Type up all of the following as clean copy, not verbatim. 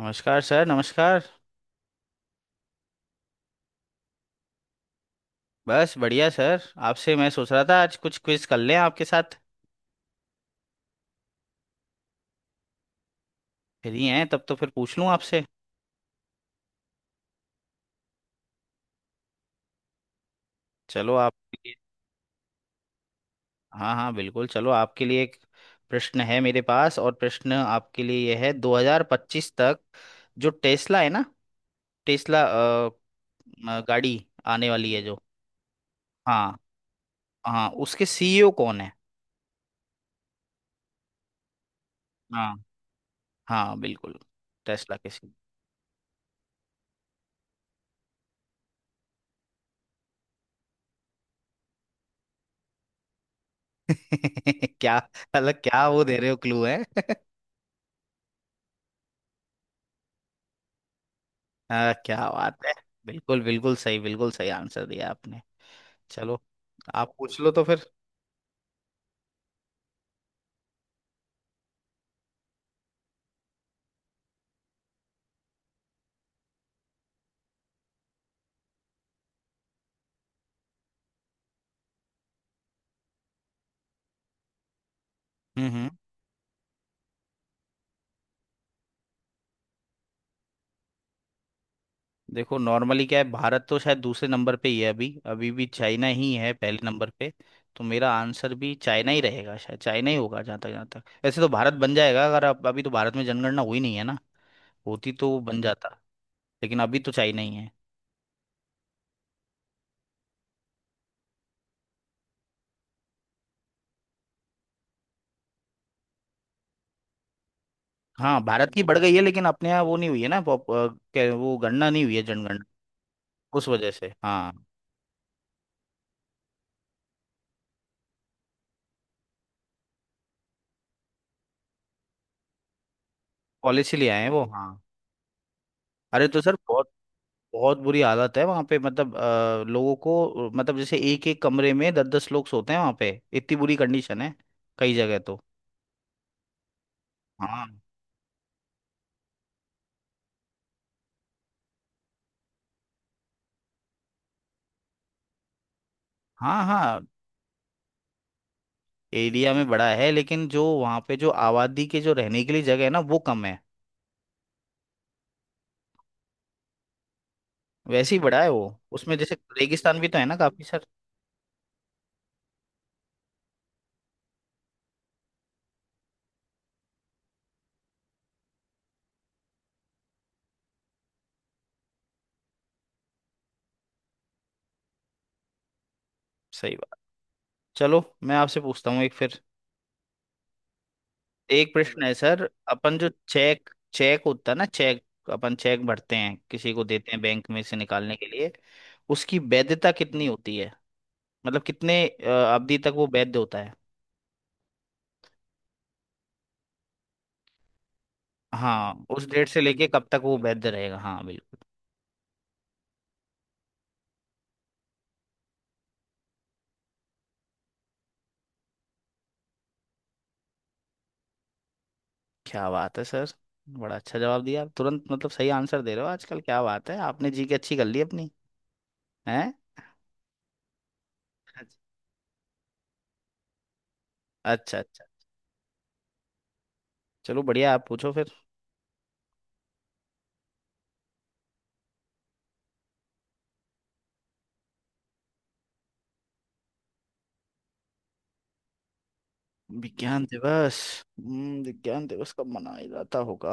नमस्कार सर, नमस्कार। बस बढ़िया सर। आपसे मैं सोच रहा था आज कुछ क्विज कर लें आपके साथ। फ्री हैं तब तो फिर पूछ लूँ आपसे। चलो आपके लिए। हाँ हाँ बिल्कुल, चलो आपके लिए एक प्रश्न है मेरे पास। और प्रश्न आपके लिए यह है, 2025 तक जो टेस्ला है ना, टेस्ला गाड़ी आने वाली है जो। हाँ। हाँ उसके सीईओ कौन है? हाँ। हाँ बिल्कुल, टेस्ला के सीईओ। क्या? अलग क्या वो दे रहे हो, क्लू है? क्या बात है! बिल्कुल बिल्कुल सही, बिल्कुल सही आंसर दिया आपने। चलो आप पूछ लो तो फिर। हम्म। देखो नॉर्मली क्या है, भारत तो शायद दूसरे नंबर पे ही है अभी अभी भी चाइना ही है पहले नंबर पे। तो मेरा आंसर भी चाइना ही रहेगा, शायद चाइना ही होगा जहाँ तक। वैसे तो भारत बन जाएगा अगर, अब अभी तो भारत में जनगणना हुई नहीं है ना, होती तो वो बन जाता। लेकिन अभी तो चाइना ही है। हाँ भारत की बढ़ गई है, लेकिन अपने यहाँ वो नहीं हुई है ना वो गणना नहीं हुई है, जनगणना। उस वजह से, हाँ। पॉलिसी ले आए हैं वो, हाँ। अरे तो सर बहुत बहुत बुरी हालत है वहां पे, मतलब लोगों को, मतलब जैसे एक एक कमरे में दस दस लोग सोते हैं वहां पे, इतनी बुरी कंडीशन है कई जगह तो। हाँ हाँ। हाँ एरिया में बड़ा है, लेकिन जो वहां पे जो आबादी के जो रहने के लिए जगह है ना, वो कम है। वैसे ही बड़ा है वो। उसमें जैसे रेगिस्तान भी तो है ना काफी, सर। सही बात। चलो मैं आपसे पूछता हूँ एक फिर, एक प्रश्न है सर। अपन जो चेक, चेक होता है ना, चेक, अपन चेक भरते हैं, किसी को देते हैं बैंक में से निकालने के लिए, उसकी वैधता कितनी होती है? मतलब कितने अवधि तक वो वैध होता है? हाँ उस डेट से लेके कब तक वो वैध रहेगा, हाँ बिल्कुल। क्या बात है सर! बड़ा अच्छा जवाब दिया आप तुरंत, मतलब सही आंसर दे रहे हो आजकल, क्या बात है, आपने जी की अच्छी कर ली अपनी है। अच्छा अच्छा। चलो बढ़िया, आप पूछो फिर। विज्ञान दिवस? विज्ञान दिवस कब मनाया जाता होगा?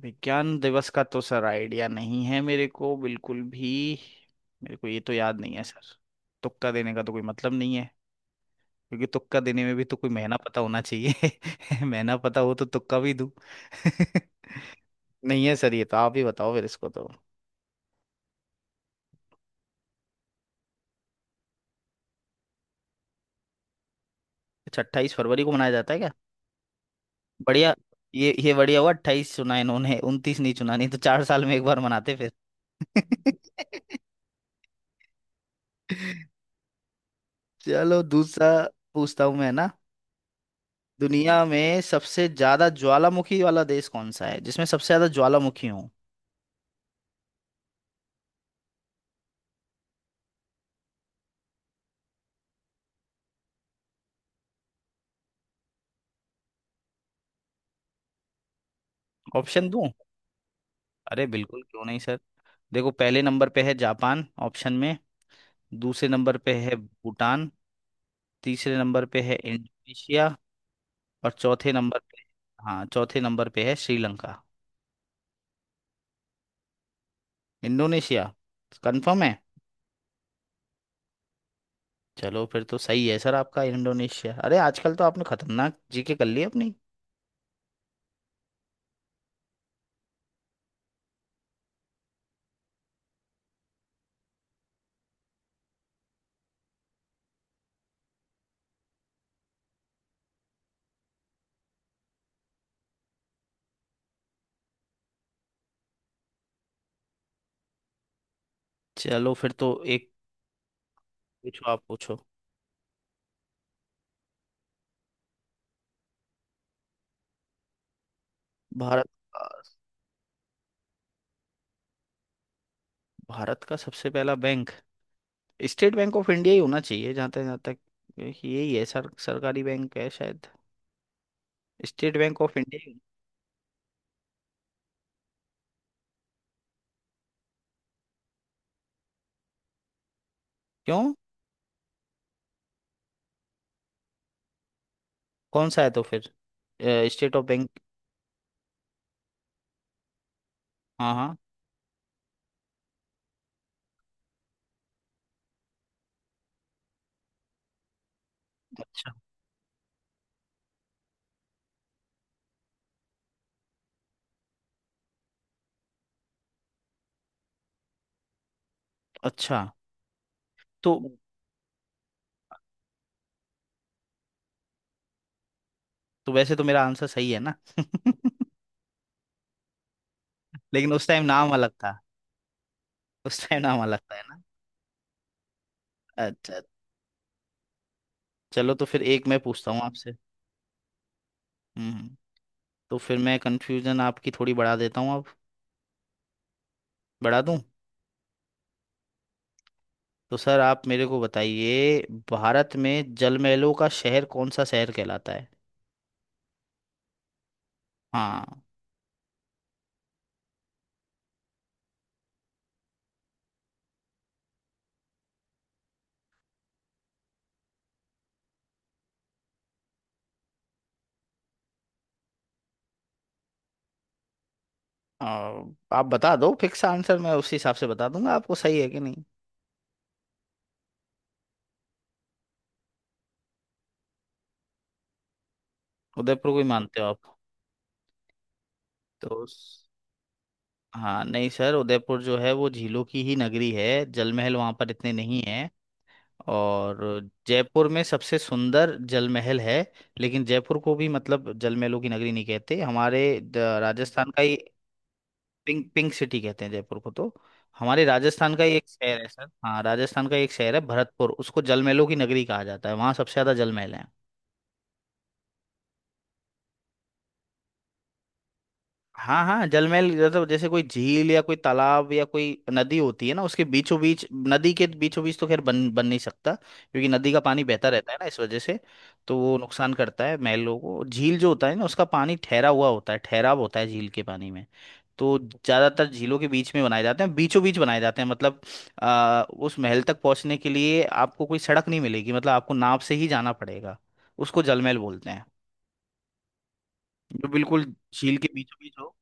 विज्ञान दिवस का तो सर आइडिया नहीं है मेरे को बिल्कुल भी, मेरे को ये तो याद नहीं है सर। तुक्का देने का तो कोई मतलब नहीं है, क्योंकि तुक्का देने में भी तो कोई महीना पता होना चाहिए। महीना पता हो तो तुक्का भी दूं। नहीं है सर, ये तो आप ही बताओ फिर इसको तो। अच्छा, 28 फरवरी को मनाया जाता है क्या? बढ़िया। ये बढ़िया हुआ 28 चुना इन्होंने, 29 नहीं चुना, नहीं तो 4 साल में एक बार मनाते फिर। चलो दूसरा पूछता हूँ मैं ना। दुनिया में सबसे ज्यादा ज्वालामुखी वाला देश कौन सा है, जिसमें सबसे ज्यादा ज्वालामुखी हो? ऑप्शन दूं? अरे बिल्कुल क्यों नहीं सर। देखो पहले नंबर पे है जापान, ऑप्शन में। दूसरे नंबर पे है भूटान। तीसरे नंबर पे है इंडोनेशिया। और चौथे नंबर पे, हाँ चौथे नंबर पे है श्रीलंका। इंडोनेशिया कंफर्म है? चलो फिर तो सही है सर आपका, इंडोनेशिया। अरे आजकल तो आपने खतरनाक जीके कर ली अपनी। चलो फिर तो एक, पूछो आप पूछो। भारत, भारत का सबसे पहला bank state bank of India ही होना चाहिए, जहाँ तक यही है सर, सरकारी बैंक है शायद। स्टेट बैंक ऑफ क्यों? कौन सा है तो फिर? State of bank. हाँ हाँ। अच्छा अच्छा। तो तो वैसे तो मेरा आंसर सही है ना। लेकिन उस टाइम नाम अलग था, उस टाइम नाम अलग था, है ना? अच्छा। चलो तो फिर एक मैं पूछता हूँ आपसे। हम्म हम्म। तो फिर मैं कंफ्यूजन आपकी थोड़ी बढ़ा देता हूँ अब, बढ़ा दूँ? तो सर आप मेरे को बताइए, भारत में जलमहलों का शहर कौन सा शहर कहलाता है? हाँ। अ, आप बता दो फिक्स आंसर, मैं उसी हिसाब से बता दूंगा आपको सही है कि नहीं। उदयपुर को ही मानते हो आप? तो हाँ नहीं सर, उदयपुर जो है वो झीलों की ही नगरी है, जल महल वहाँ पर इतने नहीं है, और जयपुर में सबसे सुंदर जल महल है। लेकिन जयपुर को भी मतलब जल महलों की नगरी नहीं कहते, हमारे राजस्थान का ही, पिंक पिंक सिटी कहते हैं जयपुर को तो। हमारे राजस्थान का ही एक शहर है सर, हाँ राजस्थान का एक शहर है भरतपुर, उसको जल महलों की नगरी कहा जाता है, वहाँ सबसे ज्यादा जल महल है। हाँ हाँ, जलमहल मतलब जैसे कोई झील या कोई तालाब या कोई नदी होती है ना, उसके बीचों बीच, नदी के बीचों बीच तो खैर बन बन नहीं सकता क्योंकि नदी का पानी बहता रहता है ना, इस वजह से तो वो नुकसान करता है महलों को। झील जो होता है ना, उसका पानी ठहरा हुआ होता है, ठहराव होता है झील के पानी में, तो ज्यादातर झीलों के बीच में बनाए जाते हैं, बीचों बीच बनाए जाते हैं। मतलब उस महल तक पहुंचने के लिए आपको कोई सड़क नहीं मिलेगी, मतलब आपको नाव से ही जाना पड़ेगा, उसको जलमहल बोलते हैं, जो बिल्कुल झील के बीचों बीच हो।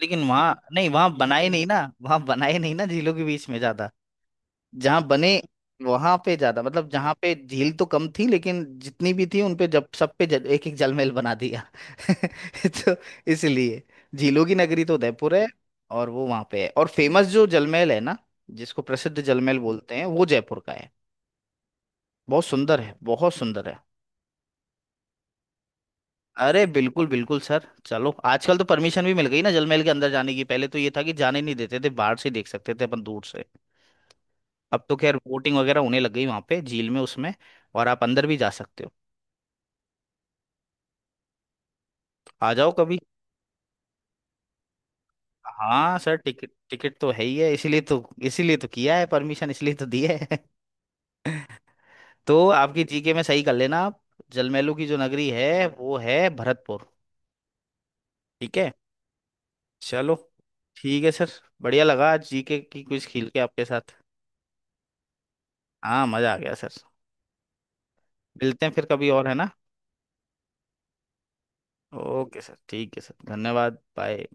लेकिन वहां नहीं, वहां बनाए नहीं ना, वहां बनाए नहीं ना झीलों के बीच में ज्यादा, जहां बने वहां पे ज्यादा। मतलब जहां पे झील तो कम थी, लेकिन जितनी भी थी उन पे, जब सब पे जल, एक एक जलमहल बना दिया। तो इसलिए झीलों की नगरी तो उदयपुर है, और वो वहां पे है, और फेमस जो जलमहल है ना, जिसको प्रसिद्ध जलमहल बोलते हैं वो जयपुर का है, बहुत सुंदर है बहुत सुंदर है। अरे बिल्कुल बिल्कुल सर, चलो आजकल तो परमिशन भी मिल गई ना जलमहल के अंदर जाने की, पहले तो ये था कि जाने नहीं देते थे, बाहर से देख सकते थे अपन दूर से। अब तो खैर बोटिंग वगैरह होने लग गई वहां पे झील में उसमें, और आप अंदर भी जा सकते हो। आ जाओ कभी। हाँ सर, टिकट टिकट तो है ही है, इसीलिए तो किया है, परमिशन इसलिए तो दी है। तो आपकी जीके में सही कर लेना आप, जलमैलू की जो नगरी है वो है भरतपुर। ठीक है। चलो ठीक है सर। बढ़िया लगा आज जीके की कुछ खेल के आपके साथ। हाँ मजा आ गया सर। मिलते हैं फिर कभी और, है ना? ओके सर, ठीक है सर, धन्यवाद, बाय।